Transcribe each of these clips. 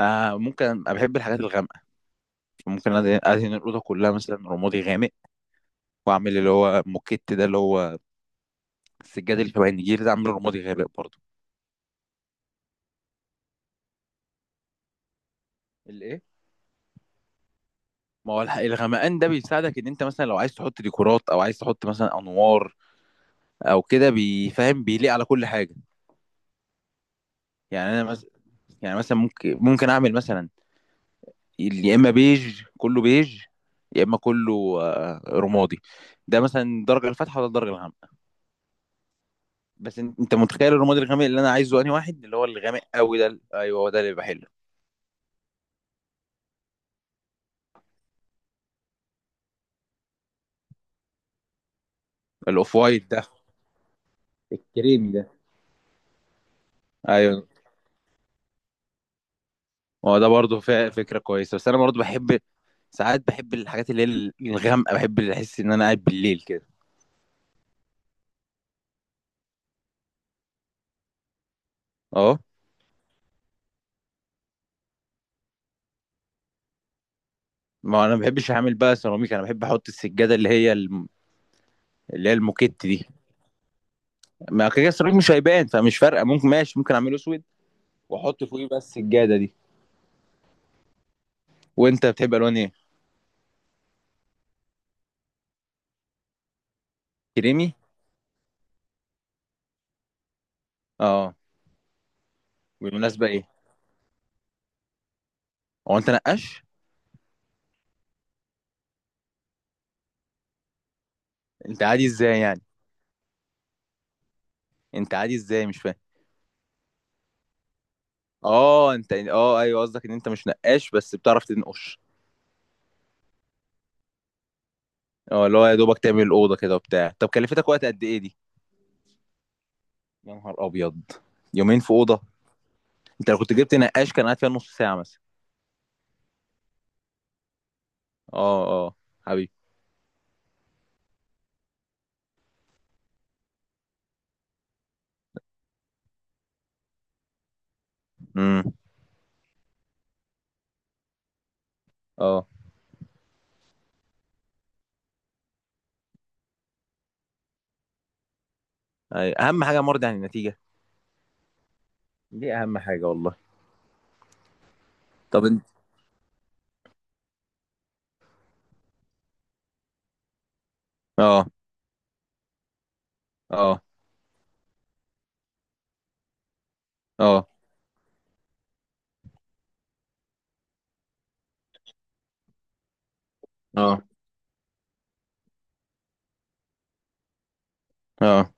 ممكن انا بحب الحاجات الغامقه. ممكن ادهن الاوضه كلها مثلا رمادي غامق. واعمل اللي هو موكيت ده، اللي هو السجاد اللي شبه النجيل ده، اعمله رمادي غامق برضه. الايه؟ ما هو الغمقان ده بيساعدك ان انت مثلا لو عايز تحط ديكورات او عايز تحط مثلا انوار او كده، بيفهم، بيليق على كل حاجه. يعني انا مثلا، يعني مثلا ممكن اعمل مثلا، يا اما بيج كله بيج، يا اما كله رمادي. ده مثلا الدرجه الفاتحه ولا الدرجه الغامقه؟ بس انت متخيل الرماد الغامق اللي انا عايزه، انهي واحد؟ اللي هو الغامق قوي ده، ايوه، هو ده اللي بحله. الاوف وايت ده، الكريمي ده. ايوه، هو ده برضه فكره كويسه، بس انا برضه بحب ساعات، بحب الحاجات اللي هي الغامقه، بحب اللي احس ان انا قاعد بالليل كده. اه، ما انا ما بحبش اعمل بقى سيراميك، انا بحب احط السجاده اللي هي اللي هي الموكيت دي. ما كده كده السيراميك مش هيبان، فمش فارقه، ممكن، ماشي ممكن اعمله اسود، واحط فوقيه بقى السجاده دي. وانت بتحب الوان ايه؟ كريمي. اه. بالمناسبه ايه؟ هو انت نقاش؟ انت عادي ازاي يعني؟ انت عادي ازاي مش فاهم؟ اه، انت، ايوه، قصدك ان انت مش نقاش بس بتعرف تنقش. اه، اللي هو يا دوبك تعمل الاوضه كده وبتاع. طب كلفتك وقت قد ايه دي؟ يا نهار ابيض! يومين في اوضه! انت لو كنت جبت نقاش كان قاعد فيها نص ساعه مثلا. اه، اه، حبيبي. امم. اه. أي. اهم حاجه مرضي عن النتيجه. دي اهم حاجه والله. طب انت، اه، اه، اه، اه، اه،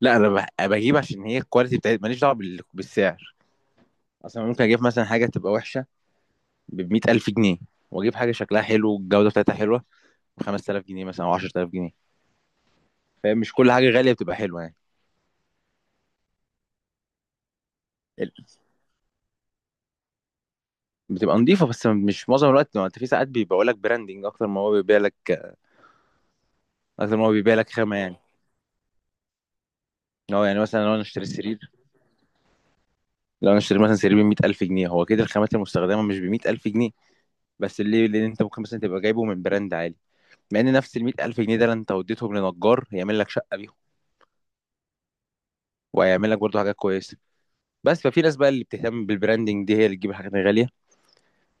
لا انا بجيب عشان هي الكواليتي بتاعت، ماليش دعوه بالسعر. اصلا ممكن اجيب مثلا حاجه تبقى وحشه ب 100000 جنيه، واجيب حاجه شكلها حلو والجوده بتاعتها حلوه ب 5000 جنيه مثلا، او 10000 جنيه. فاهم؟ مش كل حاجه غاليه بتبقى حلوه يعني. ال- بتبقى نظيفه، بس مش معظم الوقت، ما انت في ساعات بيبيعوا لك براندنج اكتر ما هو بيبيع لك، اكتر ما هو بيبيع لك خامه يعني. هو يعني مثلا لو انا اشتري سرير، لو انا اشتري مثلا سرير ب 100000 جنيه، هو كده الخامات المستخدمه مش ب 100000 جنيه. بس ليه؟ لان انت ممكن مثلا تبقى جايبه من براند عالي، مع ان نفس ال 100000 جنيه ده لو انت وديتهم لنجار هيعمل لك شقه بيهم، وهيعمل لك برضه حاجات كويسه. بس ففي ناس بقى اللي بتهتم بالبراندنج دي، هي اللي تجيب الحاجات الغاليه،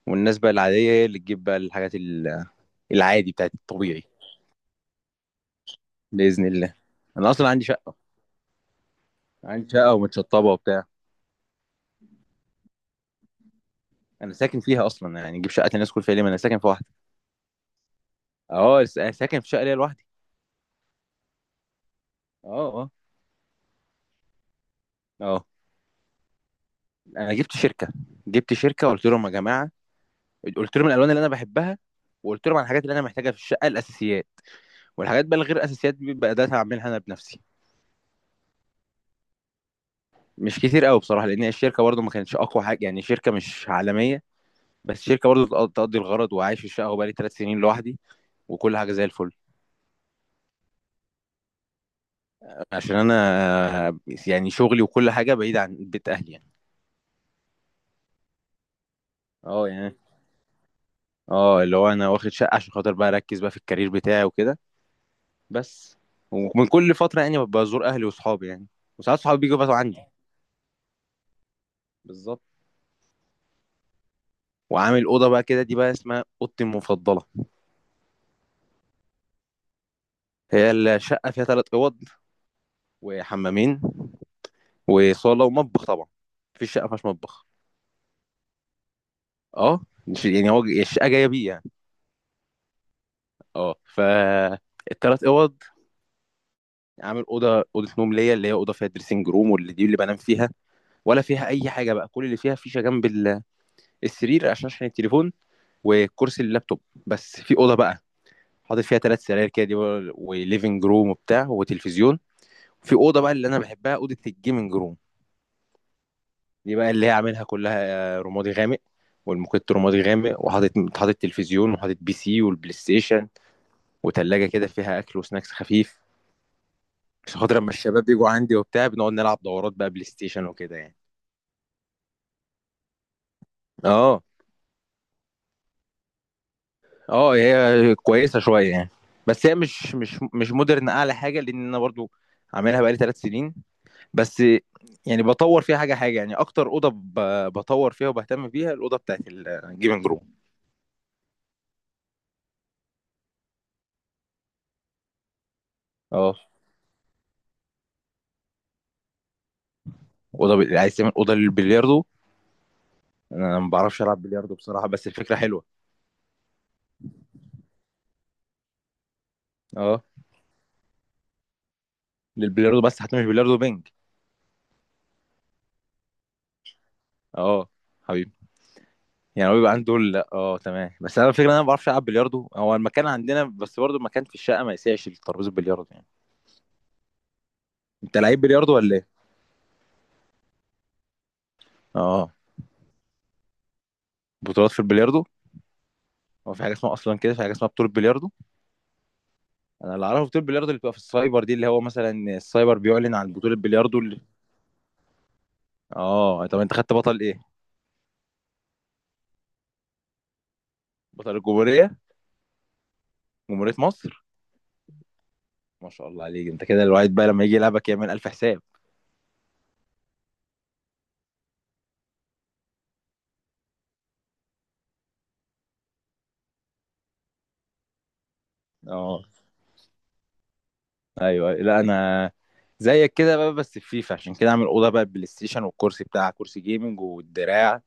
والناس بقى العادية هي اللي تجيب بقى الحاجات العادي بتاعت الطبيعي. بإذن الله. أنا أصلا عندي شقة. عندي شقة ومتشطبة وبتاع. أنا ساكن فيها أصلا يعني، أجيب شقة الناس كل فيها ليه، ما أنا ساكن في واحدة. أه، أنا ساكن في شقة ليا لوحدي. أه. أه. أه. أنا جبت شركة وقلت لهم يا جماعة، قلت لهم الألوان اللي أنا بحبها، وقلت لهم على الحاجات اللي أنا محتاجها في الشقة، الأساسيات، والحاجات بقى الغير أساسيات دي بقى، ده هعملها أنا بنفسي. مش كتير قوي بصراحة، لأن الشركة برضه ما كانتش أقوى حاجة يعني، شركة مش عالمية. بس الشركه برضه تقضي الغرض، وعايش في الشقه وبقالي 3 سنين لوحدي، وكل حاجه زي الفل. عشان انا يعني شغلي وكل حاجه بعيد عن بيت اهلي يعني. اه يعني، اه اللي هو انا واخد شقه عشان خاطر بقى اركز بقى في الكارير بتاعي وكده. بس ومن كل فتره يعني ببقى ازور اهلي واصحابي يعني، وساعات صحابي بيجوا يباتوا عندي. بالظبط. وعامل اوضه بقى كده، دي بقى اسمها اوضتي المفضله. هي الشقه فيها ثلاث اوض وحمامين وصاله ومطبخ طبعا. مفيش شقه ما فيهاش مطبخ. اه، يعني هو الشقه جايه بيه يعني. اه، فالتلات اوض عامل: اوضه نوم ليا، اللي هي اوضه فيها دريسنج روم، واللي دي اللي بنام فيها. ولا فيها اي حاجه بقى، كل اللي فيها فيشه جنب السرير، عشان التليفون، وكرسي اللابتوب. بس في اوضه بقى حاطط فيها ثلاث سراير كده، دي وليفنج روم وبتاع وتلفزيون. في اوضه بقى اللي انا بحبها، اوضه الجيمنج روم. دي بقى اللي هي عاملها كلها رمادي غامق، والموكيت رمادي غامق، وحاطط، حاطط تلفزيون، وحاطط بي سي والبلاي ستيشن، وتلاجه كده فيها اكل وسناكس خفيف، عشان خاطر لما الشباب بيجوا عندي وبتاع بنقعد نلعب دورات بقى بلاي ستيشن وكده يعني. اه. اه، هي كويسه شويه يعني، بس هي مش مودرن اعلى حاجه، لان انا برضو عاملها بقالي 3 سنين بس. يعني بطور فيها حاجه حاجه يعني، اكتر اوضه بطور فيها وبهتم بيها الاوضه بتاعت الجيمنج روم. اه، اوضه عايز تعمل اوضه للبلياردو؟ انا ما بعرفش العب بلياردو بصراحه، بس الفكره حلوه. اه، للبلياردو بس، هتعمل بلياردو بينج؟ اه، حبيبي. يعني هو بيبقى عنده دول، لا، اه، تمام، بس انا الفكره إن انا ما بعرفش العب بلياردو، هو المكان عندنا بس، برضه المكان في الشقه ما يسعش للترابيزه البلياردو يعني. انت لعيب بلياردو ولا ايه؟ اه. بطولات في البلياردو؟ هو في حاجه اسمها اصلا كده، في حاجه اسمها بطوله بلياردو؟ انا اللي اعرفه بطوله بلياردو اللي بتبقى في السايبر دي، اللي هو مثلا السايبر بيعلن عن بطوله بلياردو اللي… اه، طب انت خدت بطل ايه؟ بطل الجمهوريه. جمهوريه مصر. ما شاء الله عليك، انت كده الواحد بقى لما يجي يلعبك يعمل الف حساب. اه، ايوه، لا انا زيك كده بقى، بس في فيفا، عشان كده عامل اوضه بقى بلاي ستيشن، والكرسي بتاع كرسي جيمنج والدراع.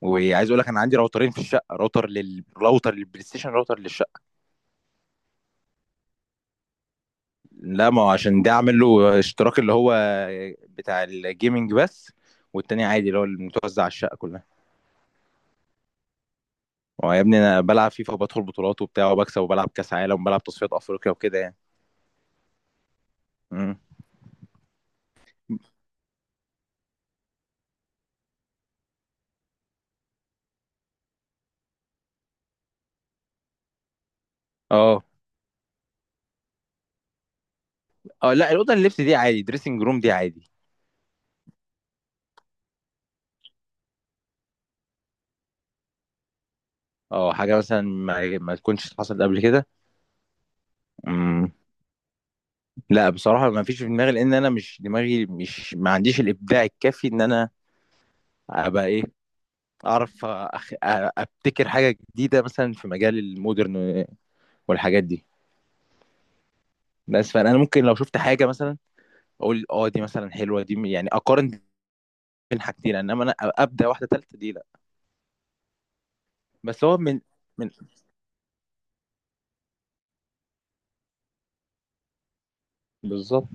وعايز اقول لك، انا عندي راوترين في الشقه، راوتر للبلاي ستيشن، راوتر للشقه. لا، ما هو عشان ده عامل له اشتراك اللي هو بتاع الجيمنج بس، والتاني عادي اللي هو المتوزع على الشقه كلها. هو يا ابني، انا بلعب فيفا وبدخل بطولات وبتاع وبكسب، وبلعب كاس عالم وبلعب تصفيات افريقيا وكده يعني. امم. اه. اه، لا الاوضه اللي لبس دي عادي، دريسنج روم دي عادي. اه، حاجه مثلا ما تكونش حصلت قبل كده. مم. لا بصراحة ما فيش في دماغي، لأن أنا مش، دماغي مش، ما عنديش الإبداع الكافي إن أنا أبقى إيه، أعرف أبتكر حاجة جديدة مثلا في مجال المودرن والحاجات دي. بس فأنا ممكن لو شفت حاجة مثلا أقول أه دي مثلا حلوة، دي يعني أقارن بين حاجتين، إنما أنا أبدأ واحدة تالتة دي، لا. بس هو من بالظبط.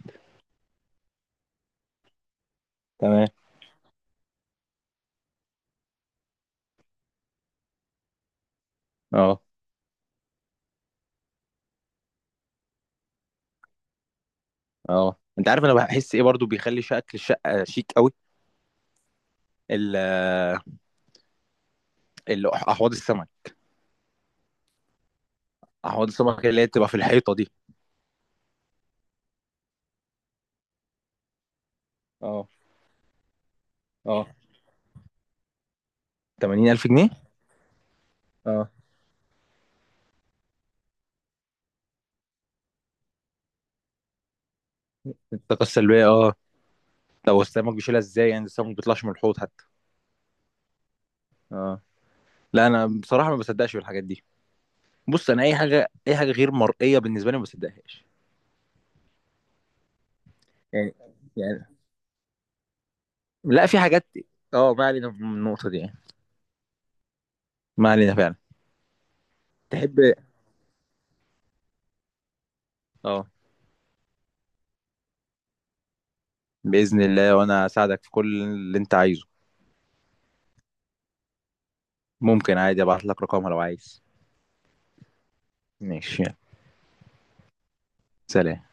تمام. أه. أه، أنت عارف أنا بحس إيه برضو بيخلي شكل الشقة شيك أوي؟ ال... أحواض السمك. أحواض السمك اللي هي بتبقى في الحيطة دي. اه. اه. 80000 جنيه؟ اه، الطاقة السلبية. اه، طب السمك بيشيلها ازاي يعني؟ السمك ما بيطلعش من الحوض حتى. اه. لا انا بصراحة ما بصدقش في الحاجات دي. بص انا اي حاجة، اي حاجة غير مرئية بالنسبة لي ما بصدقهاش. يعني يعني. لا في حاجات. اه، ما علينا من النقطة دي يعني. ما علينا فعلا. تحب؟ اه، بإذن الله، وانا اساعدك في كل اللي انت عايزه. ممكن عادي ابعت لك رقمها لو عايز. ماشي. يلا. سلام.